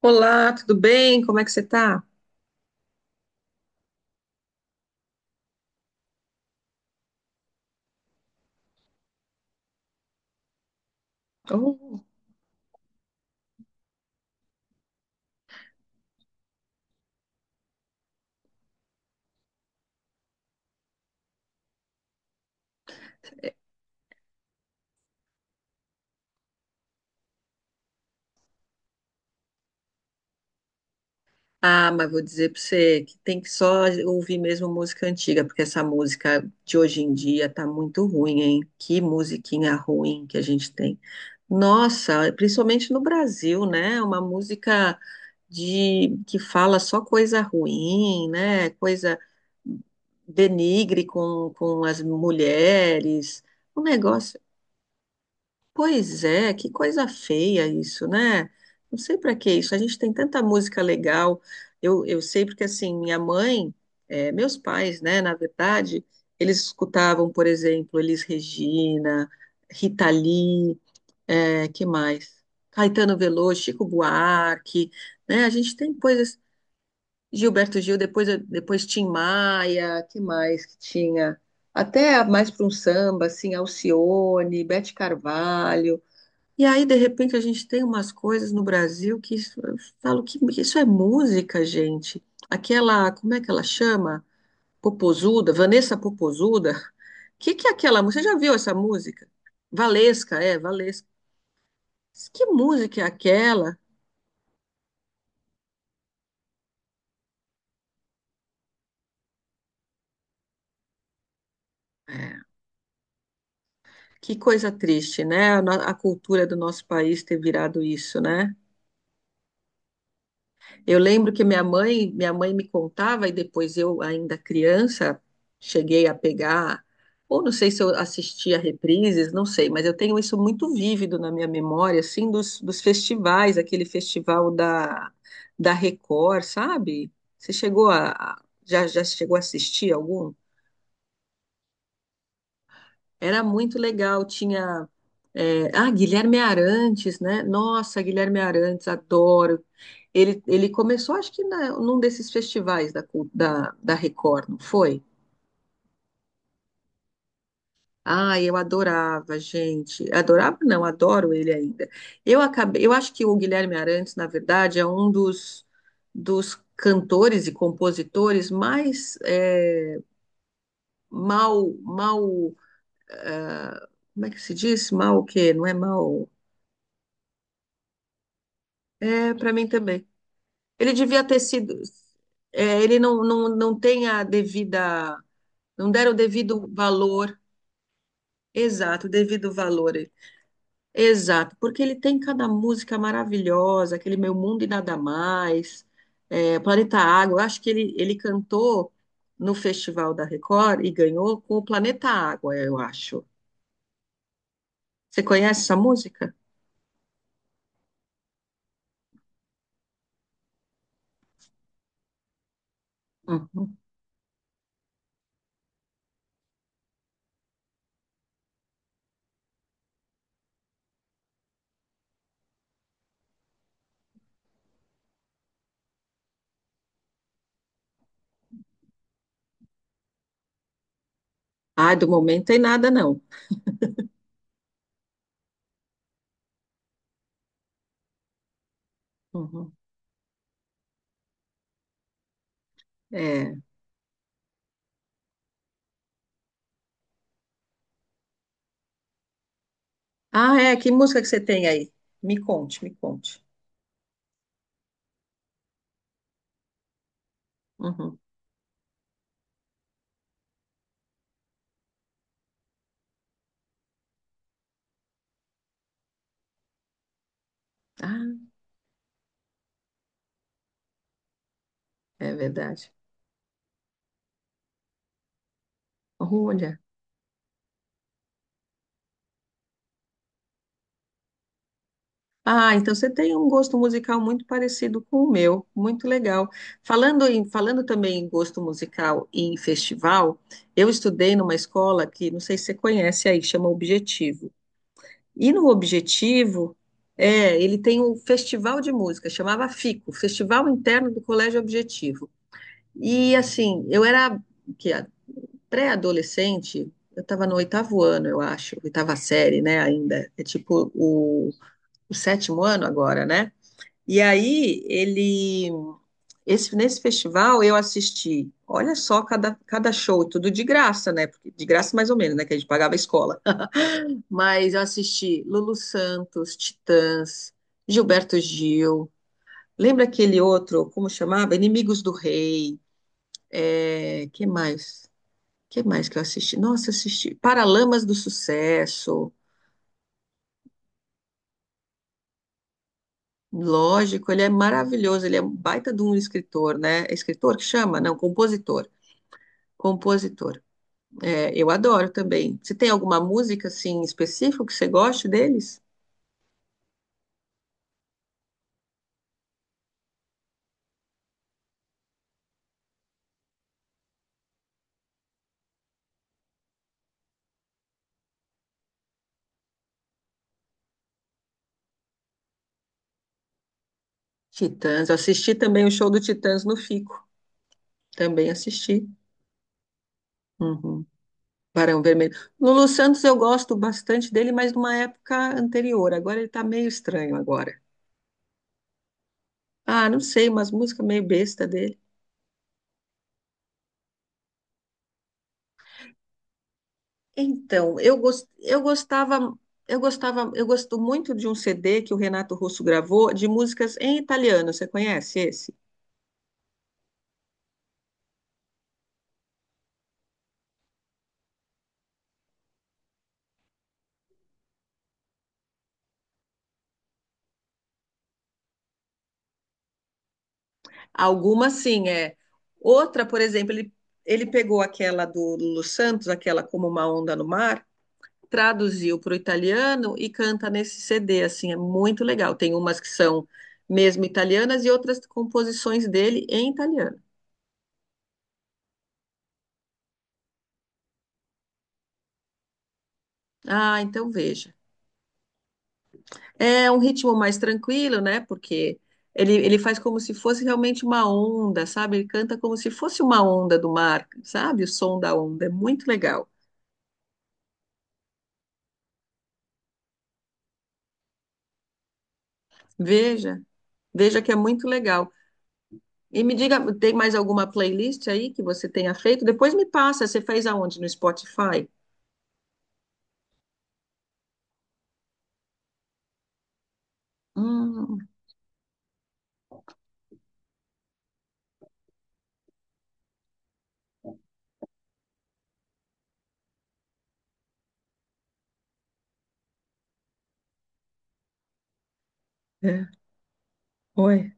Olá, tudo bem? Como é que você tá? Oh. Ah, mas vou dizer para você que tem que só ouvir mesmo música antiga, porque essa música de hoje em dia tá muito ruim, hein? Que musiquinha ruim que a gente tem. Nossa, principalmente no Brasil, né? Uma música de que fala só coisa ruim, né? Coisa denigre com as mulheres. Um negócio. Pois é, que coisa feia isso, né? Não sei para que isso. A gente tem tanta música legal. Eu sei porque, assim, minha mãe, meus pais, né, na verdade, eles escutavam, por exemplo, Elis Regina, Rita Lee, que mais? Caetano Veloso, Chico Buarque, né? A gente tem coisas. Gilberto Gil, depois Tim Maia, que mais que tinha? Até mais para um samba, assim, Alcione, Beth Carvalho. E aí, de repente, a gente tem umas coisas no Brasil que isso- eu falo que isso é música, gente. Aquela, como é que ela chama? Popozuda, Vanessa Popozuda. Que é aquela música? Você já viu essa música? Valesca, é, Valesca. Que música é aquela? É. Que coisa triste, né? A, no- a cultura do nosso país ter virado isso, né? Eu lembro que minha mãe me contava, e depois eu, ainda criança, cheguei a pegar, ou não sei se eu assistia reprises, não sei, mas eu tenho isso muito vívido na minha memória, assim, dos festivais, aquele festival da, da Record, sabe? Você chegou a- já, já chegou a assistir algum? Era muito legal, tinha. É, ah, Guilherme Arantes, né? Nossa, Guilherme Arantes, adoro. Ele começou, acho que na- num desses festivais da, Cul- da, da Record, não foi? Ah, eu adorava, gente. Adorava, não, adoro ele ainda. Eu acabei, eu acho que o Guilherme Arantes, na verdade, é um dos cantores e compositores mais mal, como é que se diz? Mal o quê? Não é mal. É, para mim também. Ele devia ter sido. É, ele não tem a devida. Não deram o devido valor. Exato, o devido valor. Exato, porque ele tem cada música maravilhosa, aquele Meu Mundo e Nada Mais, é, Planeta Água. Eu acho que ele cantou no Festival da Record e ganhou com o Planeta Água, eu acho. Você conhece essa música? Uhum. Ah, do momento tem nada, não. Uhum. É. Ah, é? Que música que você tem aí? Me conte, me conte. Uhum. Ah, é verdade. Olha. Ah, então você tem um gosto musical muito parecido com o meu, muito legal. Falando em, falando também em gosto musical e em festival, eu estudei numa escola que não sei se você conhece aí, chama Objetivo. E no Objetivo, é, ele tem um festival de música, chamava FICO, Festival Interno do Colégio Objetivo. E assim, eu era que pré-adolescente, eu estava no oitavo ano, eu acho, oitava série, né, ainda. É tipo o sétimo ano agora, né? E aí, ele. Esse, nesse festival, eu assisti, olha só, cada show, tudo de graça, né? Porque, de graça, mais ou menos, né? Que a gente pagava a escola. Mas eu assisti Lulu Santos, Titãs, Gilberto Gil. Lembra aquele outro, como chamava? Inimigos do Rei. É, que mais? Que mais que eu assisti? Nossa, assisti Paralamas do Sucesso. Lógico, ele é maravilhoso, ele é um baita de um escritor, né? É escritor que chama? Não, compositor. Compositor. É, eu adoro também. Você tem alguma música, assim, específica que você goste deles? Titãs. Eu assisti também o show do Titãs no Fico. Também assisti. Uhum. Barão Vermelho. Lulu Santos eu gosto bastante dele, mas numa época anterior. Agora ele tá meio estranho agora. Ah, não sei, umas músicas meio besta dele. Então, eu, gos- eu gostava, eu gosto muito de um CD que o Renato Russo gravou de músicas em italiano. Você conhece esse? Algumas sim, é. Outra, por exemplo, ele pegou aquela do Lulu Santos, aquela Como uma Onda no Mar, traduziu para o italiano e canta nesse CD, assim, é muito legal. Tem umas que são mesmo italianas e outras composições dele em italiano. Ah, então veja. É um ritmo mais tranquilo, né? Porque ele faz como se fosse realmente uma onda, sabe? Ele canta como se fosse uma onda do mar, sabe? O som da onda. É muito legal. Veja, veja que é muito legal. E me diga, tem mais alguma playlist aí que você tenha feito? Depois me passa, você fez aonde? No Spotify? Hum, é. Oi.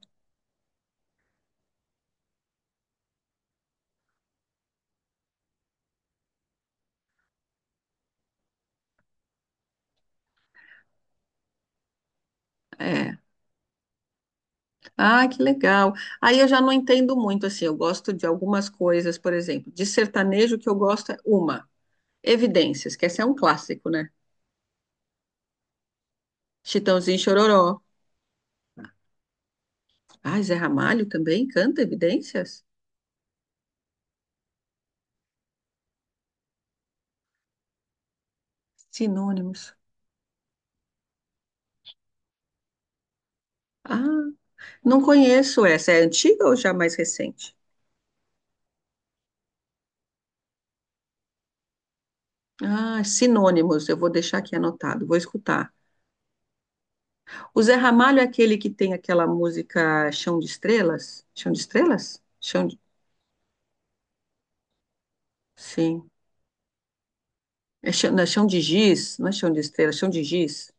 É. Ah, que legal. Aí eu já não entendo muito, assim, eu gosto de algumas coisas, por exemplo, de sertanejo que eu gosto é uma, Evidências, que esse é um clássico, né? Chitãozinho e Chororó. Ah, Zé Ramalho também canta Evidências? Sinônimos. Ah, não conheço essa. É antiga ou já mais recente? Ah, Sinônimos. Eu vou deixar aqui anotado, vou escutar. O Zé Ramalho é aquele que tem aquela música Chão de Estrelas? Chão de Estrelas? Chão de... Sim. É chão, não, é chão de giz, não é chão de estrelas, é chão de giz.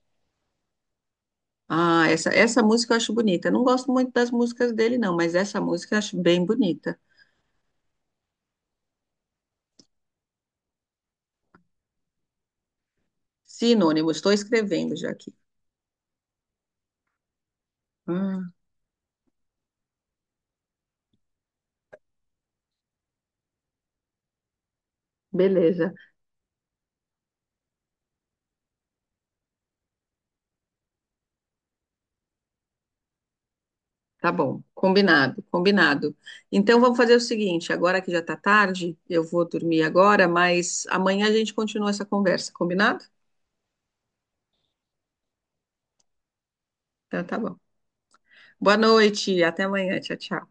Ah, essa música eu acho bonita. Eu não gosto muito das músicas dele, não, mas essa música eu acho bem bonita. Sinônimos, estou escrevendo já aqui. Ah, beleza, tá bom. Combinado, combinado. Então vamos fazer o seguinte, agora que já tá tarde, eu vou dormir agora, mas amanhã a gente continua essa conversa, combinado? Então tá bom. Boa noite, até amanhã. Tchau, tchau.